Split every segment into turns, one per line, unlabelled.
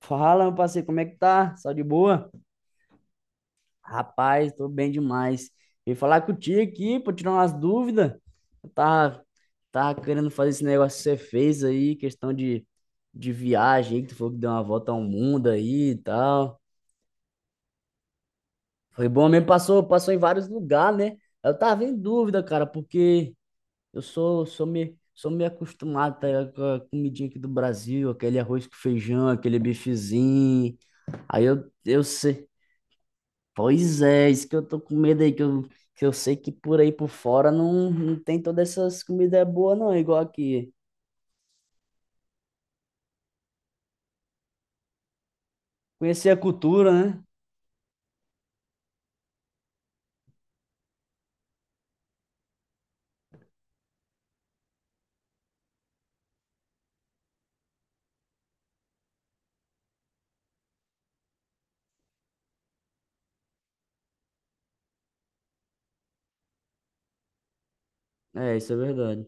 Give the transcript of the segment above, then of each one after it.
Fala, meu parceiro, como é que tá? Só de boa? Rapaz, tô bem demais. Vim falar contigo aqui pra tirar umas dúvidas. Eu tava querendo fazer esse negócio que você fez aí, questão de viagem, que tu falou que deu uma volta ao mundo aí e tal. Foi bom mesmo, passou em vários lugares, né? Eu tava em dúvida, cara, porque eu sou meio acostumado, tá ligado, com a comidinha aqui do Brasil, aquele arroz com feijão, aquele bifezinho. Aí eu sei. Pois é, isso que eu tô com medo aí, que eu sei que por aí por fora não tem todas essas comidas boas, não, igual aqui. Conhecer a cultura, né? É, isso é verdade.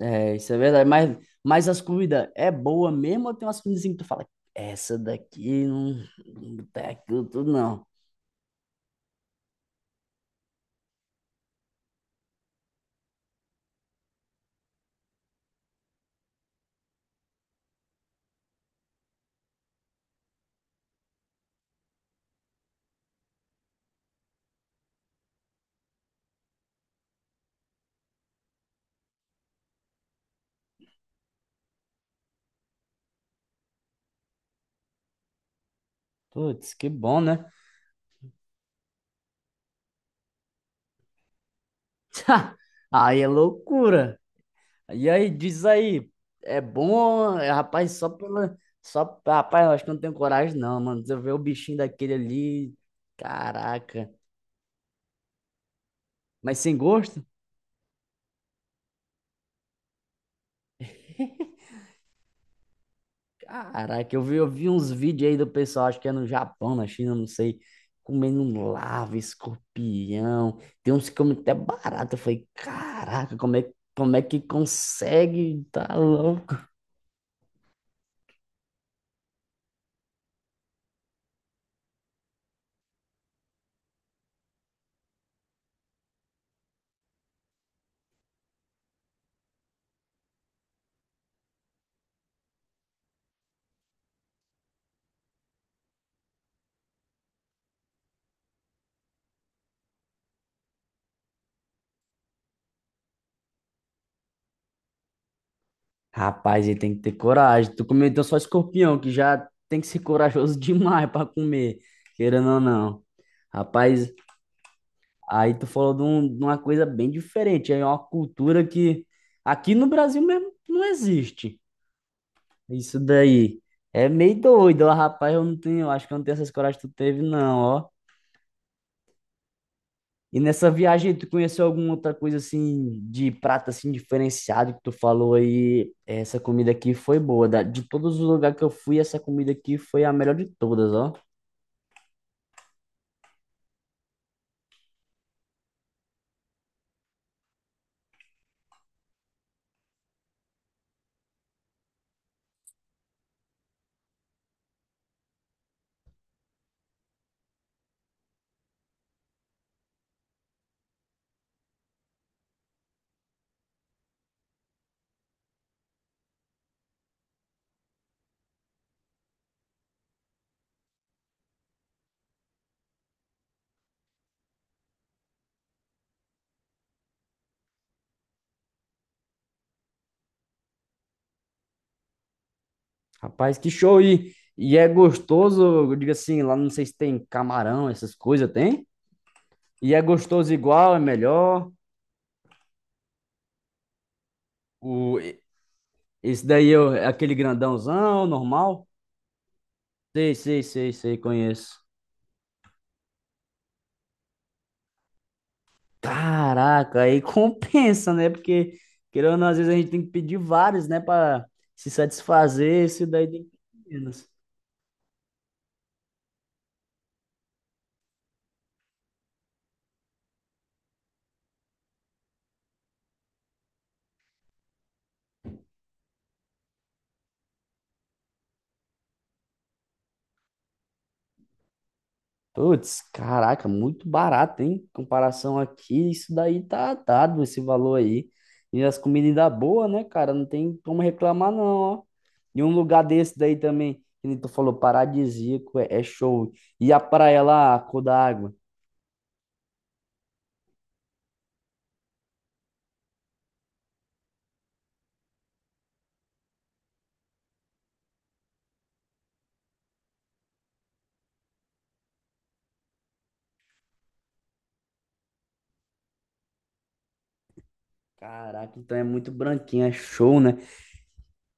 É, isso é verdade. Mas as comidas é boa mesmo ou tem umas comidas assim que tu fala, essa daqui não, não tem aquilo tudo, não. Putz, que bom, né? Aí é loucura. E aí, diz aí, é bom, é, rapaz, só pela. Só, rapaz, eu acho que eu não tenho coragem, não, mano. Se eu ver o bichinho daquele ali. Caraca. Mas sem gosto? Caraca, eu vi uns vídeos aí do pessoal, acho que é no Japão, na China, não sei, comendo um larva, escorpião. Tem uns que comem até barata. Eu falei, caraca, como é que consegue? Tá louco. Rapaz, ele tem que ter coragem. Tu comeu então só escorpião, que já tem que ser corajoso demais para comer, querendo ou não. Rapaz, aí tu falou de, um- de uma coisa bem diferente. É uma cultura que aqui no Brasil mesmo não existe. Isso daí. É meio doido, ó, rapaz. Eu não tenho, acho que eu não tenho essas coragem que tu teve, não, ó. E nessa viagem, tu conheceu alguma outra coisa assim de prato assim diferenciado que tu falou aí? Essa comida aqui foi boa. Da- De todos os lugares que eu fui, essa comida aqui foi a melhor de todas, ó. Rapaz, que show! E é gostoso, eu digo assim, lá não sei se tem camarão, essas coisas, tem? E é gostoso igual, é melhor. O, e- esse daí é o- é aquele grandãozão, normal? Sei, sei, sei, sei, conheço. Caraca, aí compensa, né? Porque, querendo ou não, às vezes a gente tem que pedir vários, né? Pra se satisfazer, esse daí tem que pedir menos. Putz, caraca, muito barato, hein? Em comparação aqui, isso daí tá dado, esse valor aí. E as comidas ainda boas, né, cara? Não tem como reclamar, não, ó. E um lugar desse daí também, que nem tu falou, paradisíaco, é, é show. E a praia lá, a cor da água. Caraca, então é muito branquinho, é show, né?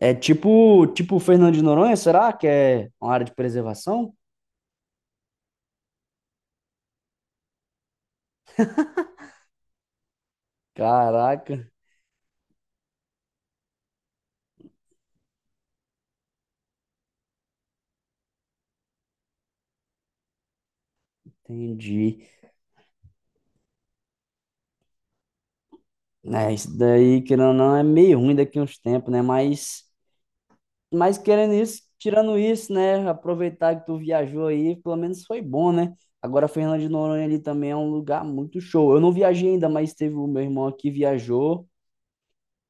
É tipo, tipo Fernando de Noronha, será que é uma área de preservação? Caraca, entendi. É, isso daí, querendo ou não, é meio ruim daqui a uns tempos, né? Mas querendo isso, tirando isso, né? Aproveitar que tu viajou aí, pelo menos foi bom, né? Agora, Fernando de Noronha ali também é um lugar muito show. Eu não viajei ainda, mas teve o meu irmão aqui, viajou.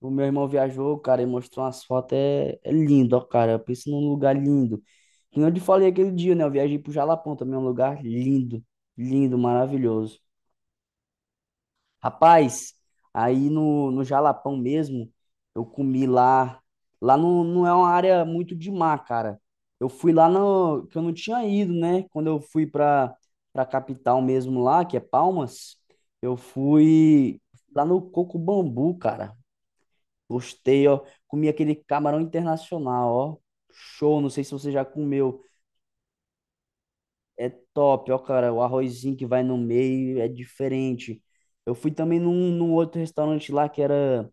O meu irmão viajou, cara, e mostrou umas fotos. É, é lindo, ó, cara. Pensa num lugar lindo. Que nem eu te falei aquele dia, né? Eu viajei pro Jalapão também, é um lugar lindo, lindo, maravilhoso. Rapaz, aí no Jalapão mesmo, eu comi lá. Lá não, não é uma área muito de mar, cara. Eu fui lá no, que eu não tinha ido, né? Quando eu fui pra, pra capital mesmo lá, que é Palmas, eu fui lá no Coco Bambu, cara. Gostei, ó. Comi aquele camarão internacional, ó. Show, não sei se você já comeu. É top, ó, cara. O arrozinho que vai no meio é diferente. Eu fui também num, num outro restaurante lá que era.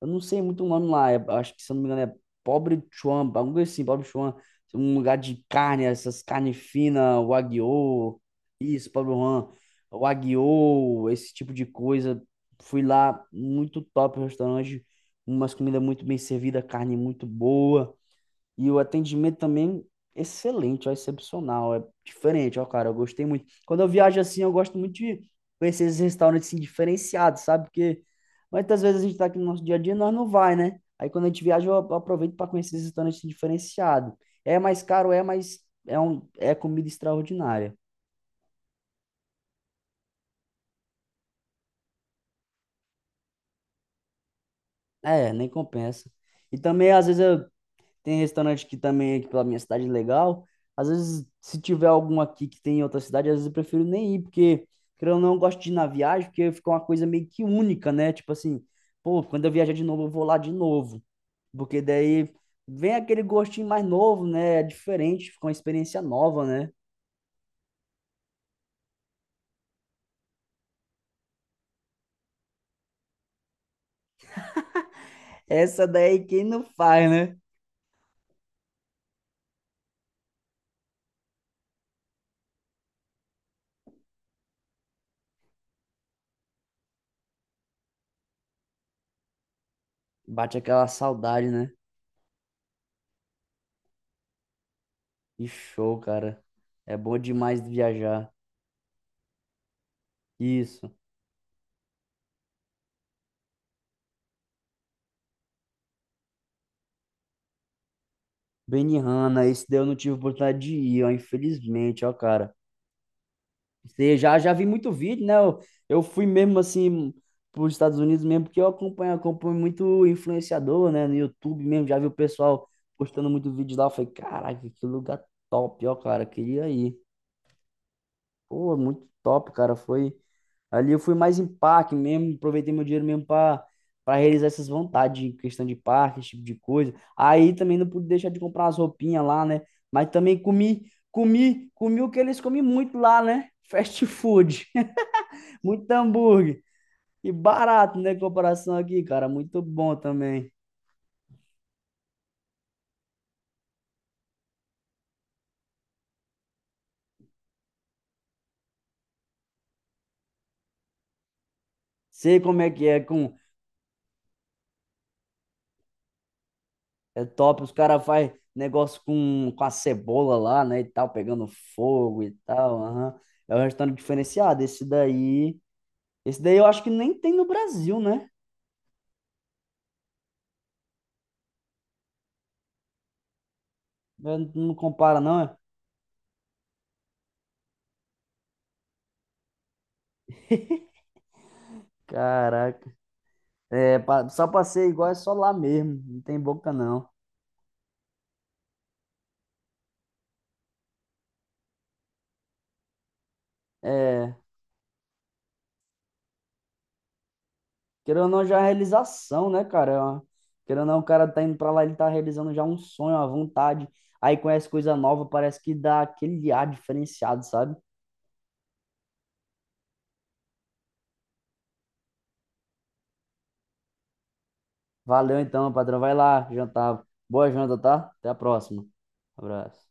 Eu não sei muito o nome lá. É- acho que, se eu não me engano, é Pobre Chuan, algo assim, Pobre Chuan. Um lugar de carne, essas carnes finas, Wagyu. Isso, Pobre Juan. Wagyu, esse tipo de coisa. Fui lá, muito top o restaurante. Umas comidas muito bem servidas, carne muito boa. E o atendimento também excelente, ó, excepcional, é diferente, ó, cara, eu gostei muito. Quando eu viajo assim, eu gosto muito de conhecer esses restaurantes assim, diferenciados, sabe? Porque muitas vezes a gente tá aqui no nosso dia a dia e nós não vai, né? Aí quando a gente viaja, eu aproveito para conhecer esses restaurantes assim, diferenciados. É mais caro, é, mas é um é comida extraordinária. É, nem compensa. E também às vezes eu tem restaurante que também aqui pela minha cidade é legal. Às vezes, se tiver algum aqui que tem em outra cidade, às vezes eu prefiro nem ir, porque, querendo ou não, eu gosto de ir na viagem, porque fica uma coisa meio que única, né? Tipo assim, pô, quando eu viajar de novo, eu vou lá de novo. Porque daí vem aquele gostinho mais novo, né? É diferente, fica uma experiência nova, né? Essa daí quem não faz, né? Bate aquela saudade, né? E show, cara. É bom demais viajar. Isso. Benihana, esse daí eu não tive oportunidade de ir, ó, infelizmente, ó, cara. Você já, já vi muito vídeo, né? Eu fui mesmo assim para os Estados Unidos mesmo, porque eu acompanho muito influenciador, né? No YouTube mesmo, já vi o pessoal postando muito vídeo lá. Eu falei, caraca, que lugar top, ó, cara, queria ir. Pô, muito top, cara. Foi ali eu fui mais em parque mesmo, aproveitei meu dinheiro mesmo para realizar essas vontades em questão de parque, esse tipo de coisa. Aí também não pude deixar de comprar as roupinhas lá, né? Mas também comi, comi o que eles comem muito lá, né? Fast food, muito hambúrguer e barato, né? Em comparação aqui, cara, muito bom também. Sei como é que é com é top, os caras fazem negócio com a cebola lá, né, e tal, pegando fogo e tal, aham. É um restaurante diferenciado, esse daí... Esse daí eu acho que nem tem no Brasil, né? É, não compara, não, é? Caraca. É, pa- só pra ser igual é só lá mesmo, não tem boca, não. É, querendo ou não, já é realização, né, cara? É uma- querendo ou não, o cara tá indo pra lá, ele tá realizando já um sonho, uma vontade. Aí conhece coisa nova, parece que dá aquele ar diferenciado, sabe? Valeu então, patrão. Vai lá jantar. Boa janta, tá? Até a próxima. Abraço.